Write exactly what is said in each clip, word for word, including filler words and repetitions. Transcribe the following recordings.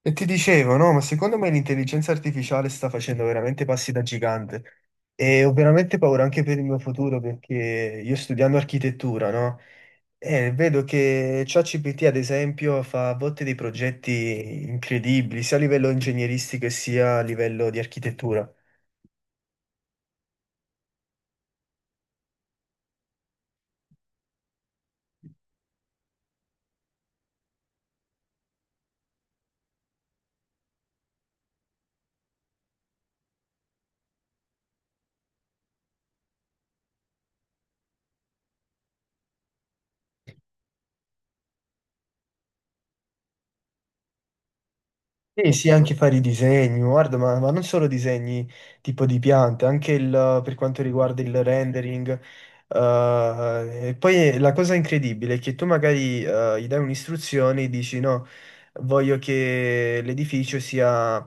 E ti dicevo, no, ma secondo me l'intelligenza artificiale sta facendo veramente passi da gigante e ho veramente paura anche per il mio futuro perché io studiando architettura, no? E vedo che ChatGPT, ad esempio, fa a volte dei progetti incredibili, sia a livello ingegneristico che sia a livello di architettura. Sì, sì, anche fare i disegni, guarda, ma, ma non solo disegni tipo di piante, anche il- per quanto riguarda il rendering. Eh, e poi la cosa incredibile è che tu magari eh, gli dai un'istruzione e dici no, voglio che l'edificio sia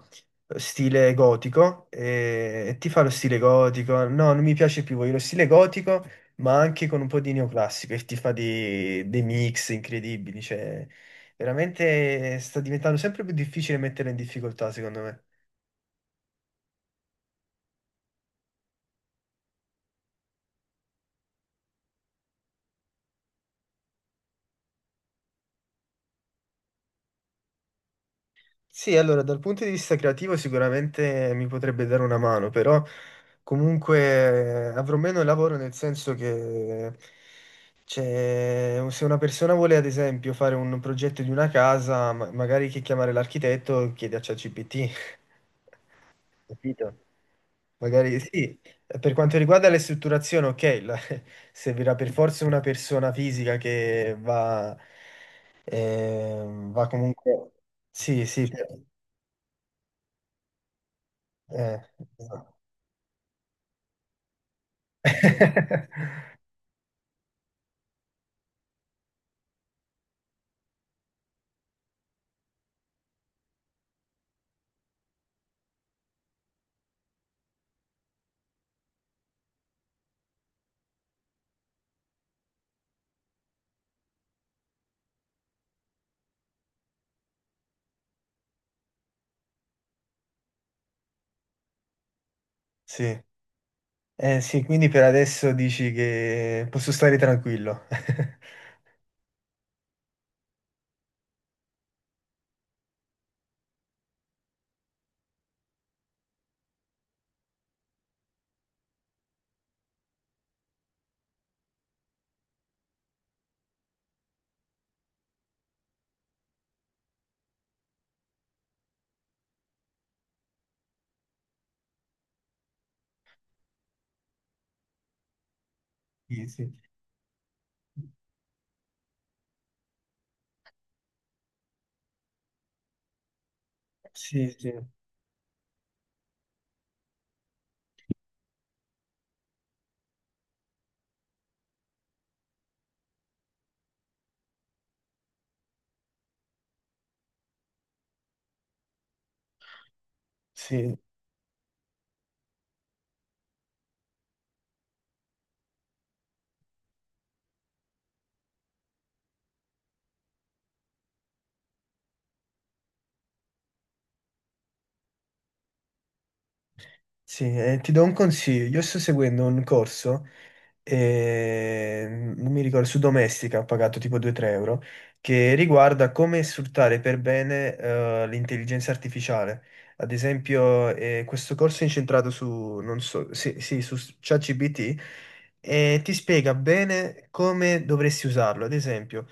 stile gotico e, e ti fa lo stile gotico, no, non mi piace più, voglio lo stile gotico, ma anche con un po' di neoclassico e ti fa dei, dei mix incredibili, cioè veramente sta diventando sempre più difficile metterla in difficoltà, secondo me. Sì, allora, dal punto di vista creativo sicuramente mi potrebbe dare una mano, però comunque eh, avrò meno lavoro nel senso che cioè, se una persona vuole ad esempio fare un progetto di una casa, ma- magari che chiamare l'architetto chiede a ChatGPT. Capito? Magari sì, per quanto riguarda le strutturazioni, ok, la- servirà per forza una persona fisica che va, ehm, va comunque... Sì, sì, eh, esatto. Sì. Eh, sì, quindi per adesso dici che posso stare tranquillo. Sì, sì. Sì, sì, sì, sì. Eh, ti do un consiglio. Io sto seguendo un corso, eh, non mi ricordo, su Domestica ho pagato tipo due-tre euro, che riguarda come sfruttare per bene eh, l'intelligenza artificiale. Ad esempio, eh, questo corso è incentrato su, non so, sì, sì, su ChatGPT e ti spiega bene come dovresti usarlo. Ad esempio,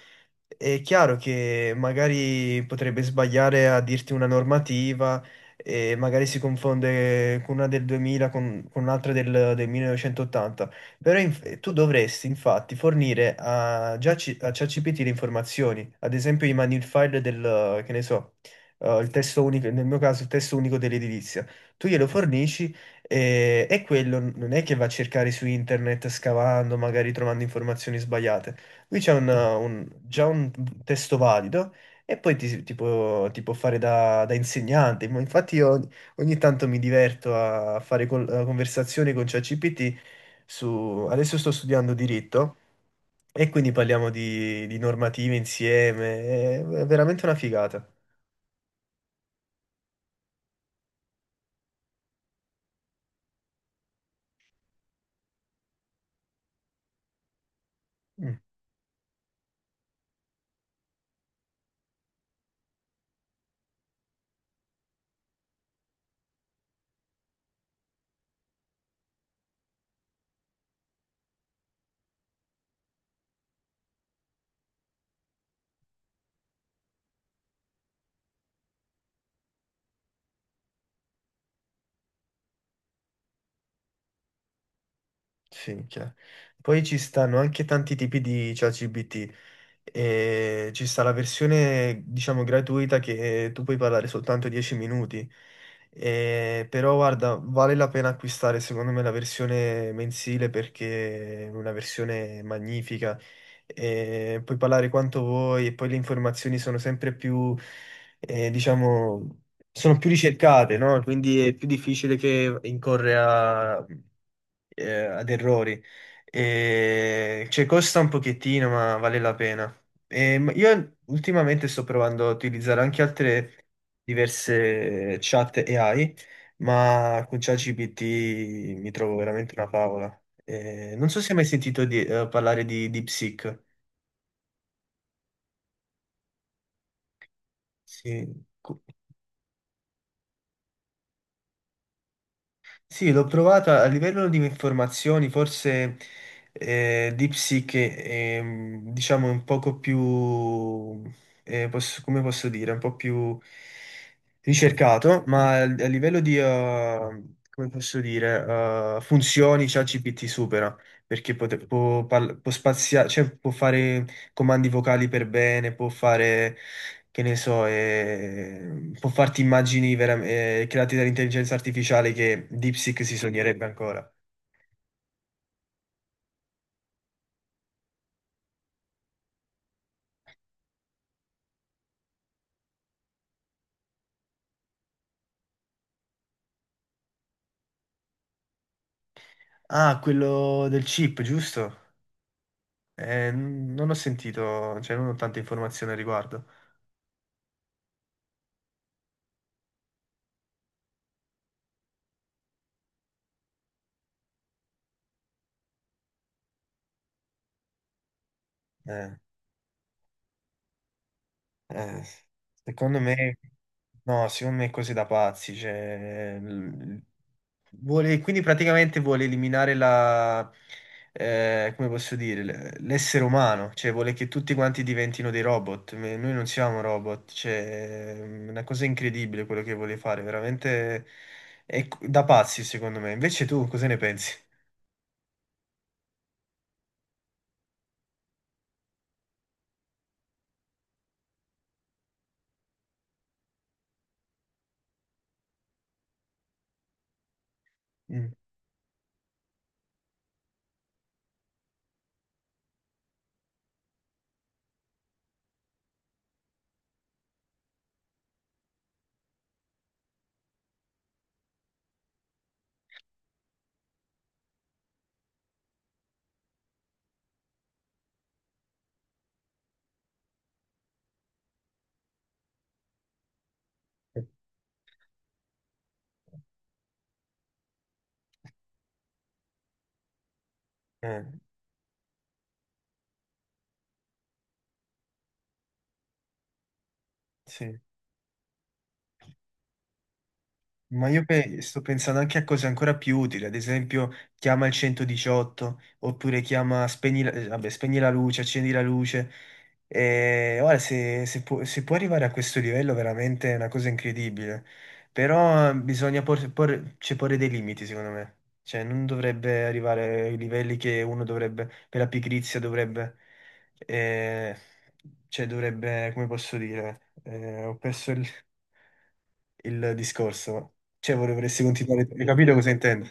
è chiaro che magari potrebbe sbagliare a dirti una normativa e magari si confonde con una del duemila con, con un'altra del, del millenovecentottanta. Però inf- tu dovresti infatti fornire a, già ci- a ChatGPT le informazioni, ad esempio i manual file del, che ne so, eh, il testo unico, nel mio caso il testo unico dell'edilizia. Tu glielo fornisci e, e quello non è che va a cercare su internet scavando, magari trovando informazioni sbagliate. Lui c'è un- un- già un testo valido e poi ti, ti può, ti può fare da, da insegnante. Ma infatti io ogni tanto mi diverto a fare col- conversazioni con ChatGPT su... Adesso sto studiando diritto e quindi parliamo di, di normative insieme, è, è veramente una figata. Mm, sì, minchia. Poi ci stanno anche tanti tipi di ChatGPT. E ci sta la versione, diciamo, gratuita che tu puoi parlare soltanto dieci minuti. Eh, però guarda, vale la pena acquistare secondo me la versione mensile perché è una versione magnifica. Eh, puoi parlare quanto vuoi e poi le informazioni sono sempre più, eh, diciamo, sono più ricercate, no? Quindi è più difficile che incorre a eh, ad errori. E, cioè, costa un pochettino, ma vale la pena. E, ma io ultimamente sto provando a utilizzare anche altre diverse chat A I, ma con ChatGPT mi trovo veramente una favola. E non so se hai mai sentito di- eh, parlare di DeepSeek. Sì. Sì, l'ho provata a livello di informazioni, forse eh, DeepSeek è, ehm, diciamo, un poco più, eh, posso- come posso dire, un po' più ricercato, ma a a livello di, eh, come posso dire, eh, funzioni ChatGPT supera, perché pote- può, parla- può spaziare, cioè può fare comandi vocali per bene, può fare che ne so, eh, può farti immagini veram- eh, create dall'intelligenza artificiale che DeepSeek si sognerebbe ancora. Ah, quello del chip, giusto? Eh, n- non ho sentito, cioè non ho tante informazioni al riguardo. Eh. Eh, secondo me, no, secondo me è così da pazzi. Cioè, l- vuole, quindi praticamente vuole eliminare la, eh, come posso dire, l- l'essere umano, cioè vuole che tutti quanti diventino dei robot. Me- Noi non siamo robot, cioè, è una cosa incredibile quello che vuole fare, veramente è c- da pazzi, secondo me. Invece tu cosa ne pensi? Mm. Eh, sì. Ma io pe- sto pensando anche a cose ancora più utili, ad esempio chiama il centodiciotto oppure chiama spegni la, eh, vabbè, spegni la luce, accendi la luce. E, guarda, se, se pu- se può arrivare a questo livello veramente è una cosa incredibile, però eh, bisogna por- por- cioè, porre dei limiti secondo me, cioè non dovrebbe arrivare ai livelli che uno dovrebbe, per la pigrizia dovrebbe, eh, cioè dovrebbe, come posso dire, eh, ho perso il il discorso. Cioè, vorrei- vorresti continuare, hai capito cosa intendo?